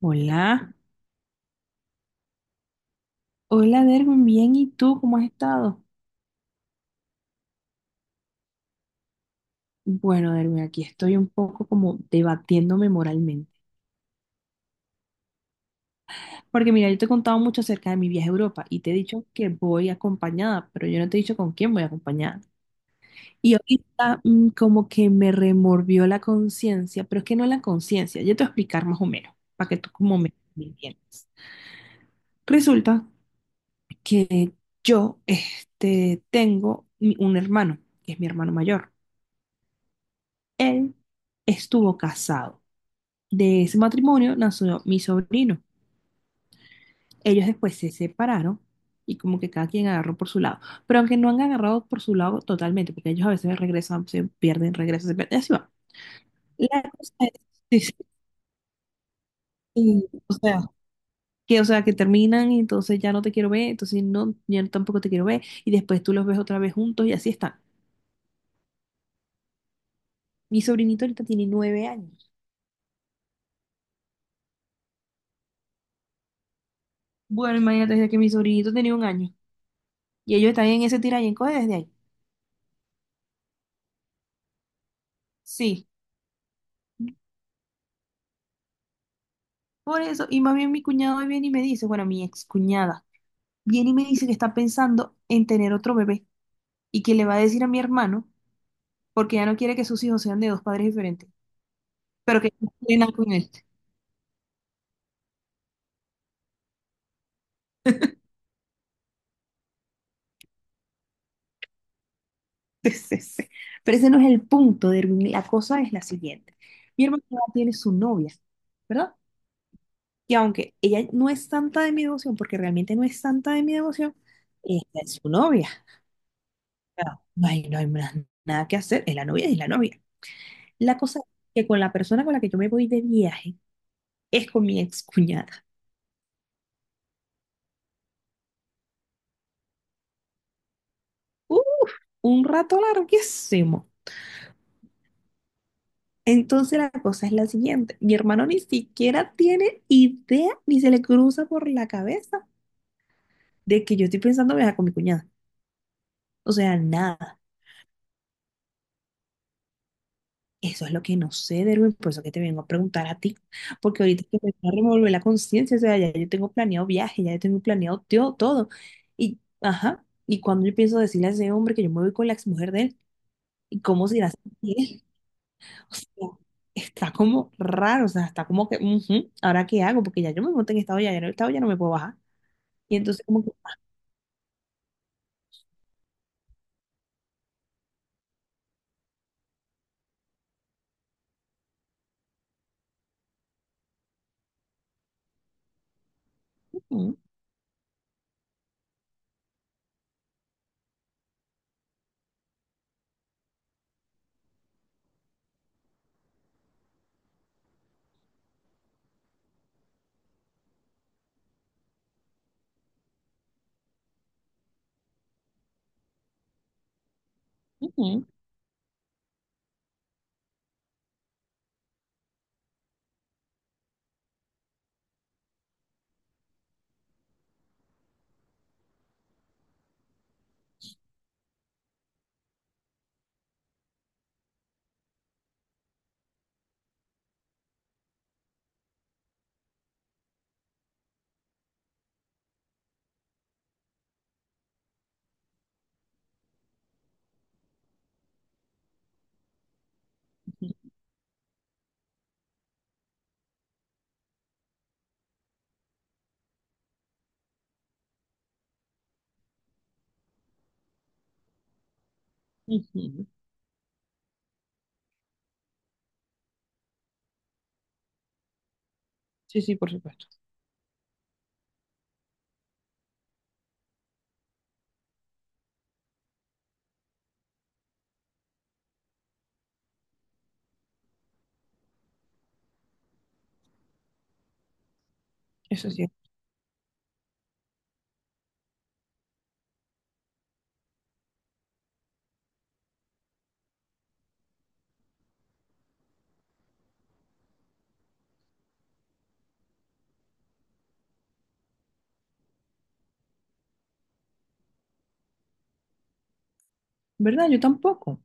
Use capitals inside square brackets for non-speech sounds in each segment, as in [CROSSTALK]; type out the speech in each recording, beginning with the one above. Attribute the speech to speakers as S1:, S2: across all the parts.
S1: Hola, hola Derwin, bien, ¿y tú cómo has estado? Bueno, Derwin, aquí estoy un poco como debatiéndome moralmente. Porque mira, yo te he contado mucho acerca de mi viaje a Europa y te he dicho que voy acompañada, pero yo no te he dicho con quién voy acompañada. Y ahorita como que me remorvió la conciencia, pero es que no la conciencia, yo te voy a explicar más o menos, para que tú como me entiendas. Resulta que yo este, tengo un hermano, que es mi hermano mayor. Él estuvo casado. De ese matrimonio nació mi sobrino. Ellos después se separaron y como que cada quien agarró por su lado. Pero aunque no han agarrado por su lado totalmente, porque ellos a veces regresan, se pierden, y así va. La cosa es, sí, sí, sí, o sea, que terminan y entonces ya no te quiero ver, entonces no, yo tampoco te quiero ver, y después tú los ves otra vez juntos y así están. Mi sobrinito ahorita tiene 9 años. Bueno, imagínate desde que mi sobrinito tenía un año y ellos están en ese tira y encoge desde ahí. Sí. Por eso, y más bien mi cuñado viene y me dice, bueno, mi excuñada, viene y me dice que está pensando en tener otro bebé y que le va a decir a mi hermano porque ya no quiere que sus hijos sean de dos padres diferentes, pero que no tiene nada con él. [LAUGHS] Sí, sí, sí. Pero ese no es el punto, Derwin. La cosa es la siguiente. Mi hermana tiene su novia, ¿verdad? Y aunque ella no es santa de mi devoción, porque realmente no es santa de mi devoción, ella es su novia. Claro. No hay más nada que hacer, es la novia, es la novia. La cosa es que con la persona con la que yo me voy de viaje es con mi excuñada. Uh, un rato larguísimo. Entonces la cosa es la siguiente. Mi hermano ni siquiera tiene idea, ni se le cruza por la cabeza de que yo estoy pensando viajar con mi cuñada. O sea, nada. Eso es lo que no sé, Derwin, por eso que te vengo a preguntar a ti, porque ahorita que me va a revolver la conciencia, o sea, ya yo tengo planeado viaje, ya yo tengo planeado todo. Y, ajá, y cuando yo pienso decirle a ese hombre que yo me voy con la exmujer de él, ¿y cómo se irá a sentir? O sea, está como raro, o sea, está como que, ujú, ¿ahora qué hago? Porque ya yo me monté en esta olla, ya en esta olla no me puedo bajar. Y entonces como que, ujú, ujú, ujú. Sí, sí, por supuesto. Eso sí. ¿Verdad? Yo tampoco.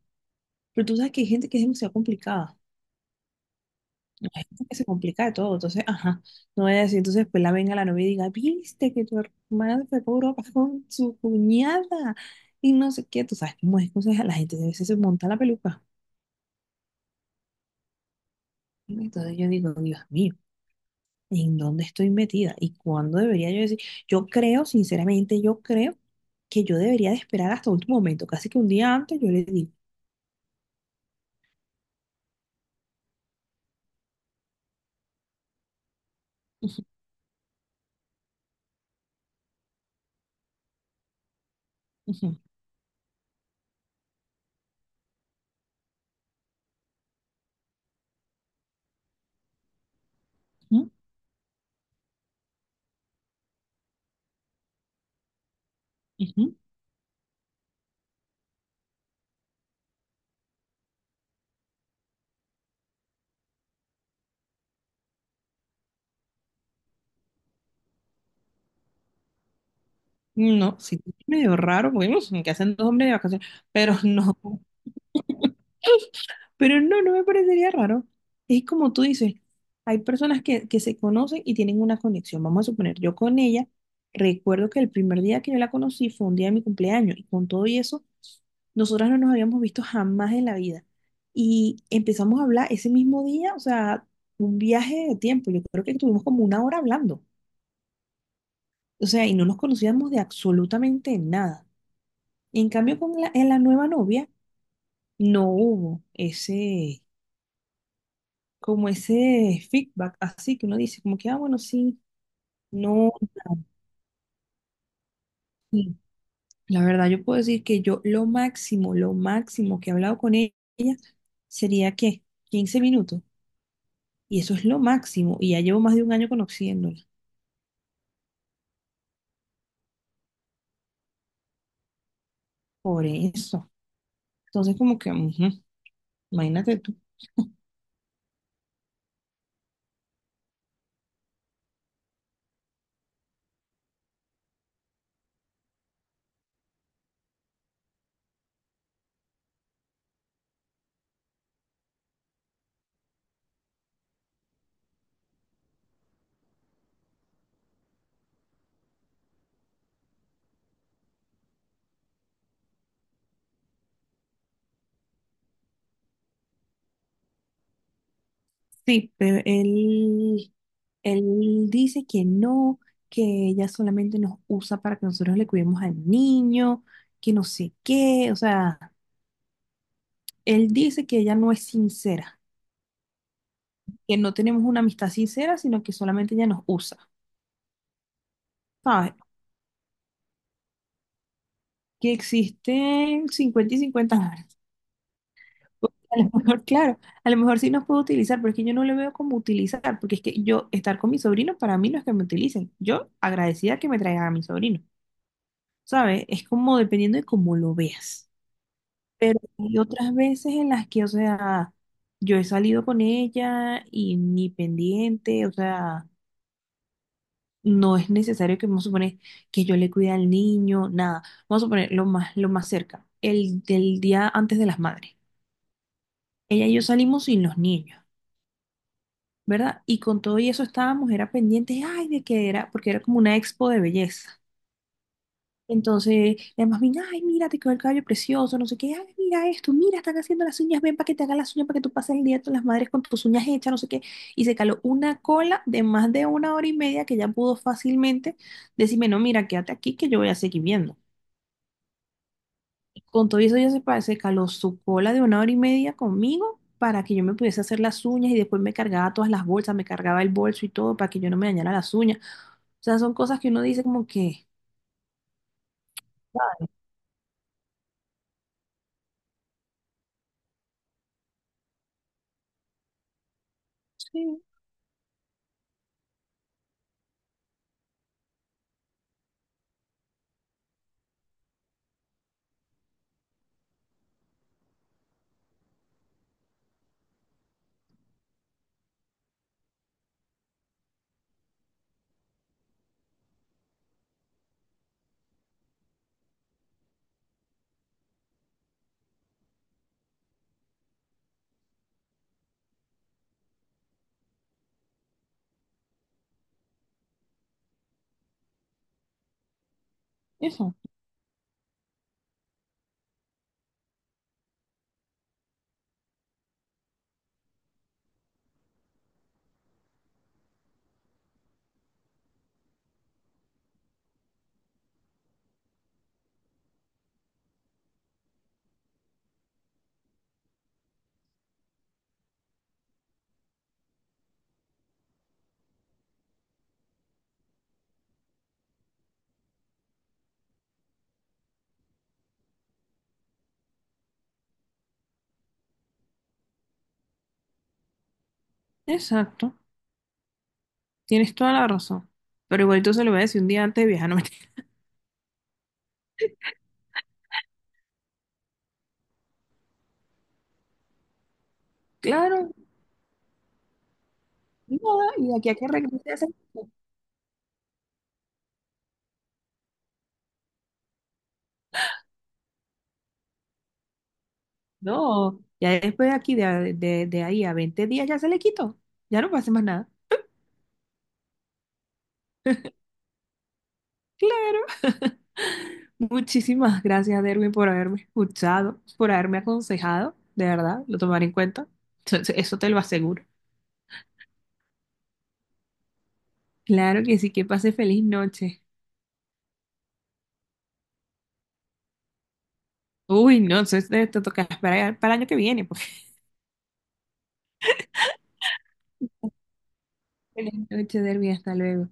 S1: Pero tú sabes que hay gente que es demasiado complicada. Hay gente que se complica de todo. Entonces, ajá, no voy a decir, entonces pues la venga la novia y diga, viste que tu hermana se fue para Europa con su cuñada y no sé qué. Tú sabes cómo es, entonces la gente a veces se monta la peluca. Entonces yo digo, Dios mío, en dónde estoy metida y cuándo debería yo decir. Yo creo, sinceramente, yo creo que yo debería de esperar hasta último momento, casi que un día antes yo le digo, "Ujú, ujú, ujú, ujú". No, sí, es medio raro, porque [LAUGHS] ujú, ¿qué hacen dos hombres de vacaciones? Pero [LAUGHS] no. Pero no, no me parecería raro. Es como tú dices, hay personas que se conocen y tienen una conexión. Vamos a suponer, yo con ella, recuerdo que el primer día que yo la conocí fue un día de mi cumpleaños y con todo y eso, nosotras no nos habíamos visto jamás en la vida. Y empezamos a hablar ese mismo día, o sea, un viaje de tiempo. Yo creo que estuvimos como una hora hablando. O sea, y no nos conocíamos de absolutamente nada. En cambio, en la nueva novia no hubo ese como ese feedback, así que uno dice, como que, ah, bueno, sí, no, sí. La verdad, yo puedo decir que yo lo máximo que he hablado con ella sería que 15 minutos, y eso es lo máximo, y ya llevo más de un año conociéndola, por eso. Entonces, como que, ujú, imagínate tú. Sí, pero él dice que no, que ella solamente nos usa para que nosotros le cuidemos al niño, que no sé qué, o sea. Él dice que ella no es sincera, que no tenemos una amistad sincera, sino que solamente ella nos usa, ¿sabes? Que existen 50 y 50 dólares. Porque a lo mejor, claro, a lo mejor sí nos puede utilizar, pero es que yo no le veo como utilizar, porque es que yo estar con mis sobrinos para mí no es que me utilicen. Yo agradecida que me traigan a mi sobrino, ¿sabes? Es como dependiendo de cómo lo veas. Pero hay otras veces en las que, o sea, yo he salido con ella y ni pendiente, o sea, no es necesario que vamos a suponer que yo le cuide al niño, nada. Vamos a poner lo más cerca, el del día antes de las madres. Ella y yo salimos sin los niños, ¿verdad? Y con todo y eso estábamos, era pendiente, ay, de que era, porque era como una expo de belleza. Entonces, además viene, ay, mira, te quedó el cabello precioso, no sé qué, ay, mira esto, mira, están haciendo las uñas, ven para que te hagan las uñas, para que tú pases el día con las madres con tus uñas hechas, no sé qué. Y se caló una cola de más de una hora y media que ya pudo fácilmente decirme, no, mira, quédate aquí que yo voy a seguir viendo. Con todo eso se caló su cola de una hora y media conmigo para que yo me pudiese hacer las uñas y después me cargaba todas las bolsas, me cargaba el bolso y todo para que yo no me dañara las uñas. O sea, son cosas que uno dice como que, sí, eso, exacto. Tienes toda la razón. Pero igualito se lo voy a decir un día antes de viajar. No me... [LAUGHS] Claro, nada, y de aquí a que regrese hace... No, ya después de aquí, de ahí a 20 días ya se le quitó. Ya no pasa más nada. Claro. [LAUGHS] Muchísimas gracias, Derwin, por haberme escuchado, por haberme aconsejado. De verdad, lo tomaré en cuenta. Eso te lo aseguro. Claro que sí, que pase feliz noche. Uy, no, te toca esperar para el año que viene. Pues. Feliz noche, Derwin, hasta luego.